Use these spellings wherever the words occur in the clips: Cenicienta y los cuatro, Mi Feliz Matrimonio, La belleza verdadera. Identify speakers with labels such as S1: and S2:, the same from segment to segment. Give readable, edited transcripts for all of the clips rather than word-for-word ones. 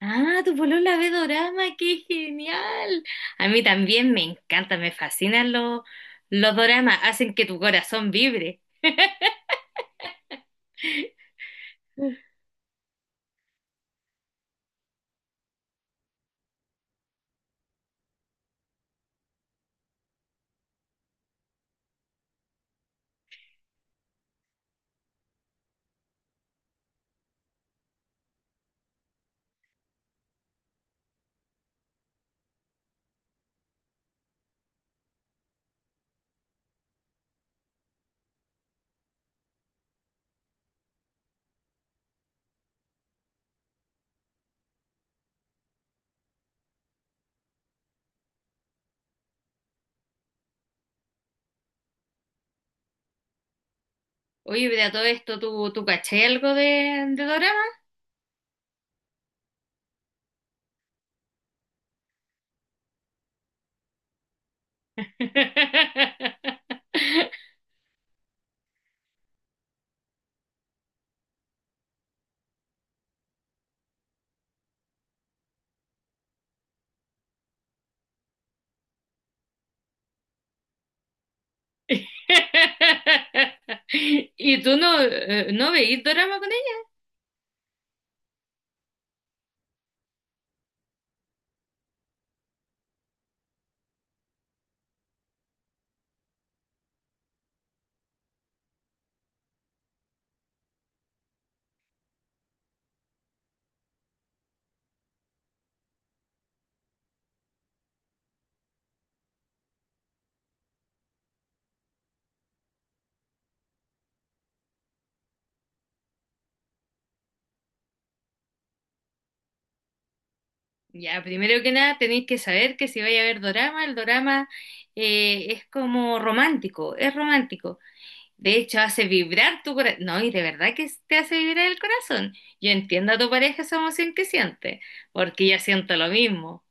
S1: Ah, tu polola ve dorama, qué genial. A mí también me encanta, me fascinan los doramas, hacen que tu corazón vibre. Oye, pero a todo esto, ¿tú caché algo de dorama? ¿Y tú no, no veís dorama con ella? Ya, primero que nada tenéis que saber que si vais a ver dorama, el dorama es como romántico, es romántico. De hecho, hace vibrar tu corazón. No, y de verdad que te hace vibrar el corazón. Yo entiendo a tu pareja esa emoción que siente, porque yo siento lo mismo.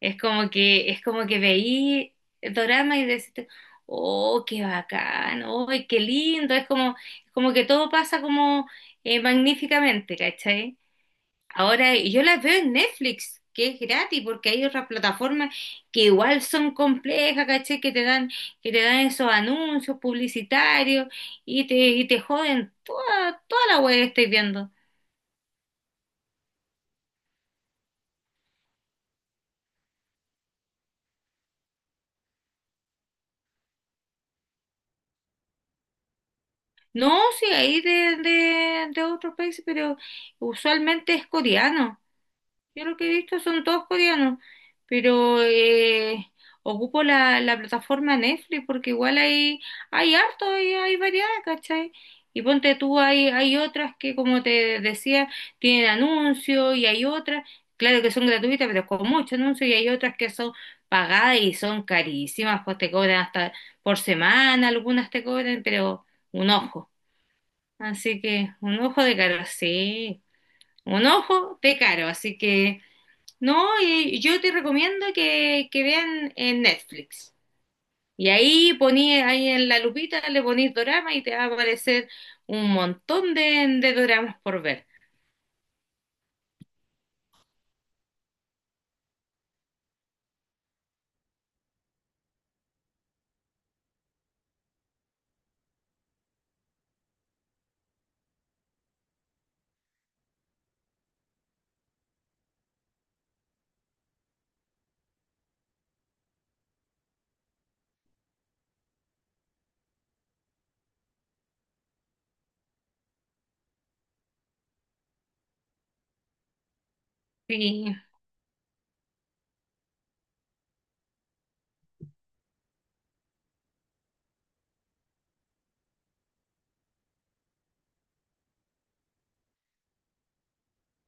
S1: Es como que veí el drama y decís, oh, qué bacán, oh, qué lindo. Es como que todo pasa como magníficamente, ¿cachai? Ahora yo las veo en Netflix, que es gratis, porque hay otras plataformas que igual son complejas, ¿cachai? Que te dan esos anuncios publicitarios y te joden toda la web que estáis viendo. No, sí, hay de, de otros países, pero usualmente es coreano. Yo lo que he visto son todos coreanos, pero ocupo la plataforma Netflix porque igual hay, hay harto, hay variedad, ¿cachai? Y ponte tú, hay otras que, como te decía, tienen anuncios y hay otras, claro que son gratuitas, pero con mucho anuncio y hay otras que son pagadas y son carísimas, pues te cobran hasta por semana, algunas te cobran, pero un ojo. Así que un ojo de caro, sí, un ojo de caro, así que… No, y yo te recomiendo que vean en Netflix. Y ahí poní, ahí en la lupita le ponís dorama y te va a aparecer un montón de doramas por ver. Sí,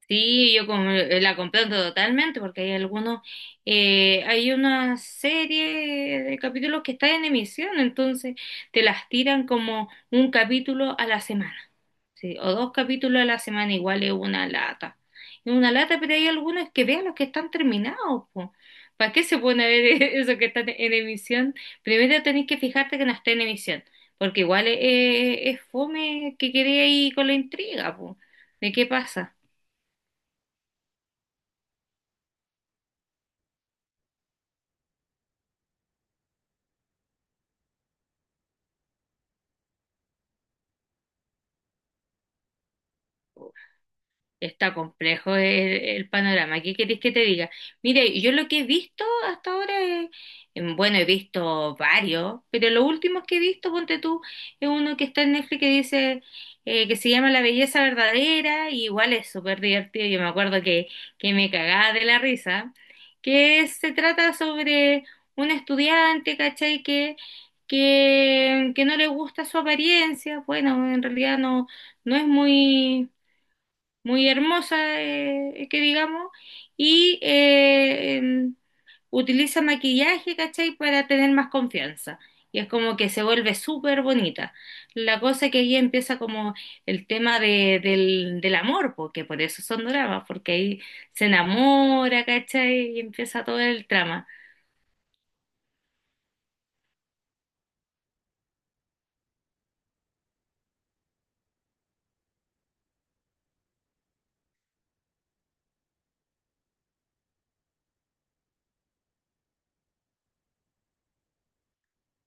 S1: sí, yo la comprendo totalmente porque hay algunos, hay una serie de capítulos que están en emisión, entonces te las tiran como un capítulo a la semana, sí, o dos capítulos a la semana, igual es una lata. Es una lata, pero hay algunos que vean los que están terminados, po. ¿Para qué se pone a ver eso que está en emisión? Primero tenés que fijarte que no está en emisión, porque igual es, es fome que quedé ahí con la intriga, po, de qué pasa. Está complejo el panorama. ¿Qué querés que te diga? Mire, yo lo que he visto hasta ahora es, bueno, he visto varios, pero los últimos que he visto, ponte tú, es uno que está en Netflix que dice que se llama La Belleza Verdadera, y igual es súper divertido. Yo me acuerdo que me cagaba de la risa, que se trata sobre un estudiante, ¿cachai? Que no le gusta su apariencia. Bueno, en realidad no, no es muy muy hermosa, que digamos, y utiliza maquillaje, ¿cachai? Para tener más confianza. Y es como que se vuelve súper bonita. La cosa que ahí empieza como el tema de, del amor, porque por eso son dramas, porque ahí se enamora, ¿cachai? Y empieza todo el trama.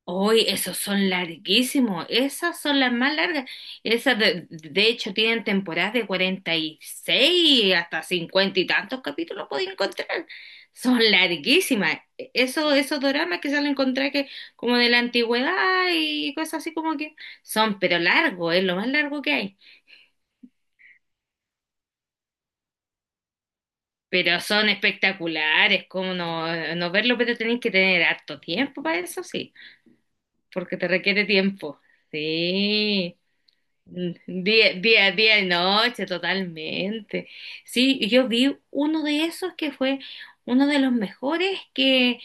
S1: Uy, esos son larguísimos, esas son las más largas. Esas de hecho tienen temporadas de 46 hasta 50 y tantos capítulos pueden encontrar. Son larguísimas. Eso, esos doramas que salen encontrar que como de la antigüedad y cosas así como que son, pero largos, es lo más largo que hay. Pero son espectaculares, como no, no verlo, pero tenéis que tener harto tiempo para eso, sí, porque te requiere tiempo. Sí. Día y noche, totalmente. Sí, y yo vi uno de esos que fue uno de los mejores que,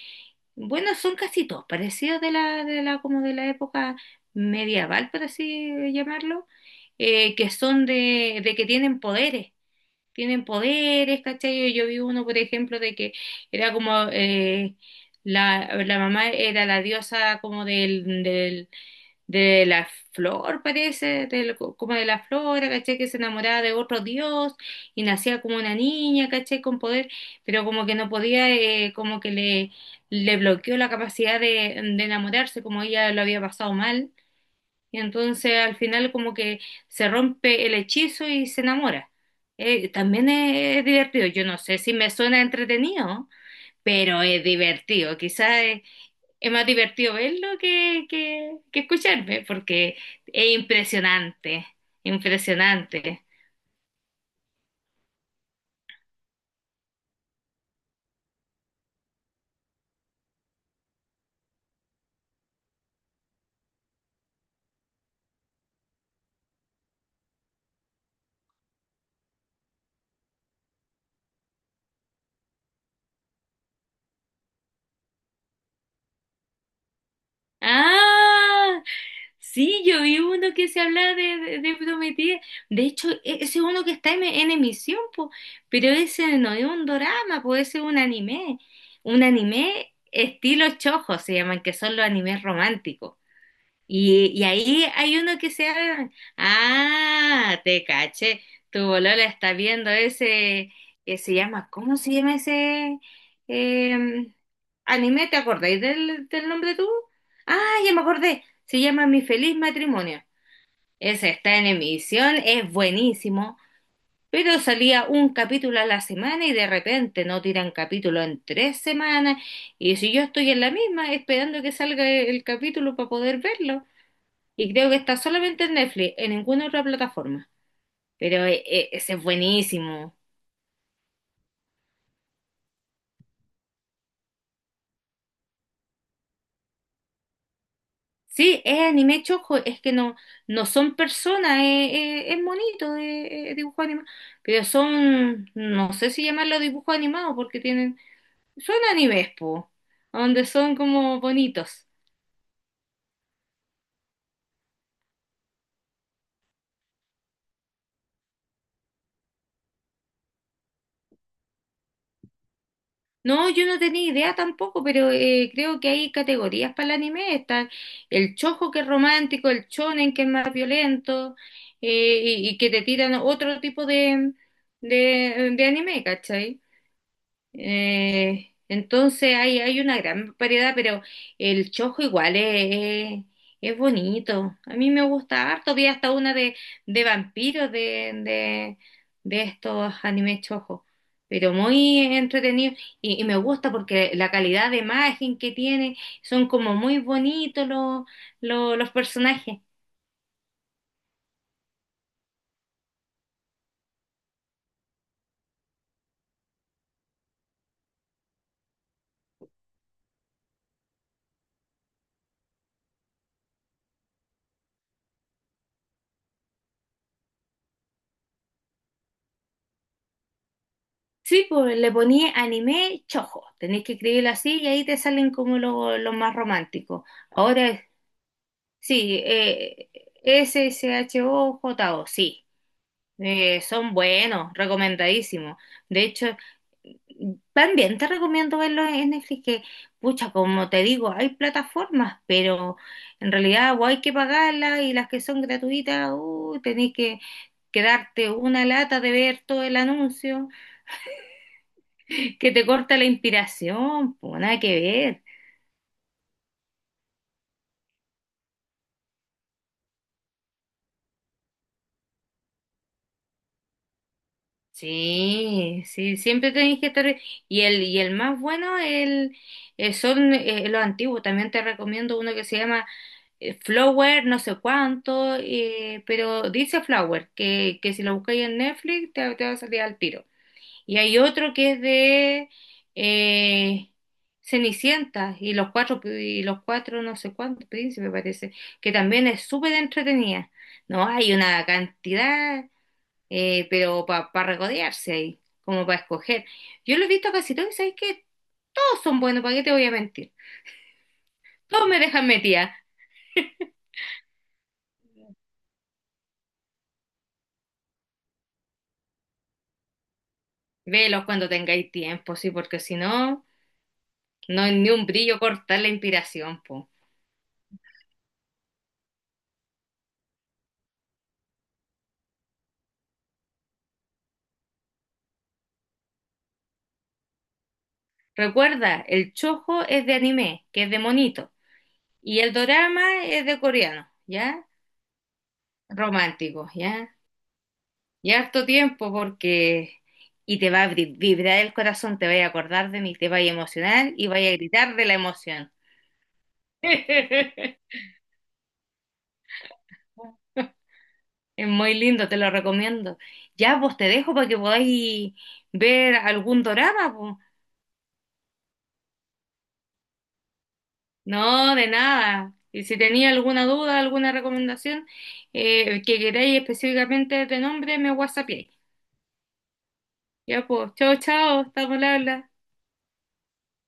S1: bueno, son casi todos parecidos de la, como de la época medieval, por así llamarlo, que son de que tienen poderes, ¿cachai? Yo vi uno, por ejemplo, de que era como la, la mamá era la diosa como del, de la flor, parece, como de la flora, caché que se enamoraba de otro dios y nacía como una niña, caché con poder, pero como que no podía, como que le bloqueó la capacidad de enamorarse, como ella lo había pasado mal, y entonces al final como que se rompe el hechizo y se enamora. También es divertido, yo no sé si me suena entretenido, pero es divertido, quizás es más divertido verlo que escucharme, porque es impresionante, impresionante. Ah, sí, yo vi uno que se habla de, de Prometida. De hecho, ese es uno que está en emisión, po, pero ese no es un drama, puede ser un anime. Un anime estilo chojo se llaman, que son los animes románticos. Y ahí hay uno que se abre. Ah, te caché. Tu bolola está viendo ese que se llama, ¿cómo se llama ese eh, anime? ¿Te acordáis del nombre tú? Ah, ya me acordé. Se llama Mi Feliz Matrimonio. Ese está en emisión, es buenísimo, pero salía un capítulo a la semana y de repente no tiran capítulo en 3 semanas. Y si yo estoy en la misma esperando que salga el capítulo para poder verlo. Y creo que está solamente en Netflix, en ninguna otra plataforma. Pero ese es buenísimo. Sí, es anime chojo, es que no, no son personas, es bonito de dibujo animado. Pero son, no sé si llamarlo dibujo animado, porque tienen, son animes, po, donde son como bonitos. No, yo no tenía idea tampoco, pero creo que hay categorías para el anime. Están el chojo que es romántico, el shonen que es más violento y que te tiran otro tipo de anime, ¿cachai? Entonces hay una gran variedad, pero el chojo igual es bonito. A mí me gusta harto. Vi hasta una de vampiros de estos animes chojo, pero muy entretenido. Y me gusta porque la calidad de imagen que tiene, son como muy bonitos los, los personajes. Sí, pues le ponía anime chojo. Tenéis que escribirlo así y ahí te salen como los más románticos. Ahora sí, SHOJO, sí. Son buenos, recomendadísimos. De hecho, también te recomiendo verlos en Netflix, que, pucha, como te digo, hay plataformas, pero en realidad o hay que pagarlas y las que son gratuitas, tenés que quedarte una lata de ver todo el anuncio, que te corta la inspiración, pues nada que ver. Sí, sí, siempre tenéis que estar. Y el más bueno el, son los antiguos. También te recomiendo uno que se llama Flower, no sé cuánto, pero dice Flower, que si lo buscáis en Netflix te, te va a salir al tiro. Y hay otro que es de eh, Cenicienta y los cuatro, no sé cuántos príncipes, parece, que también es súper entretenida. No, hay una cantidad pero para regodearse ahí, como para escoger. Yo lo he visto casi todos y sabéis que todos son buenos, ¿para qué te voy a mentir? Todos me dejan metida. Velos cuando tengáis tiempo, sí, porque si no, no hay ni un brillo cortar la inspiración, po. Recuerda, el chojo es de anime, que es de monito, y el dorama es de coreano, ¿ya? Romántico, ¿ya? Y harto tiempo porque… Y te va a vibrar el corazón, te va a acordar de mí, te va a emocionar y vaya a gritar de la emoción. Es muy lindo, te lo recomiendo. Ya, vos te dejo para que podáis ver algún dorama, po. No, de nada. Y si tenía alguna duda, alguna recomendación que queráis específicamente de nombre, me whatsappiéis. Ya, pues, chao, chao, estamos al habla.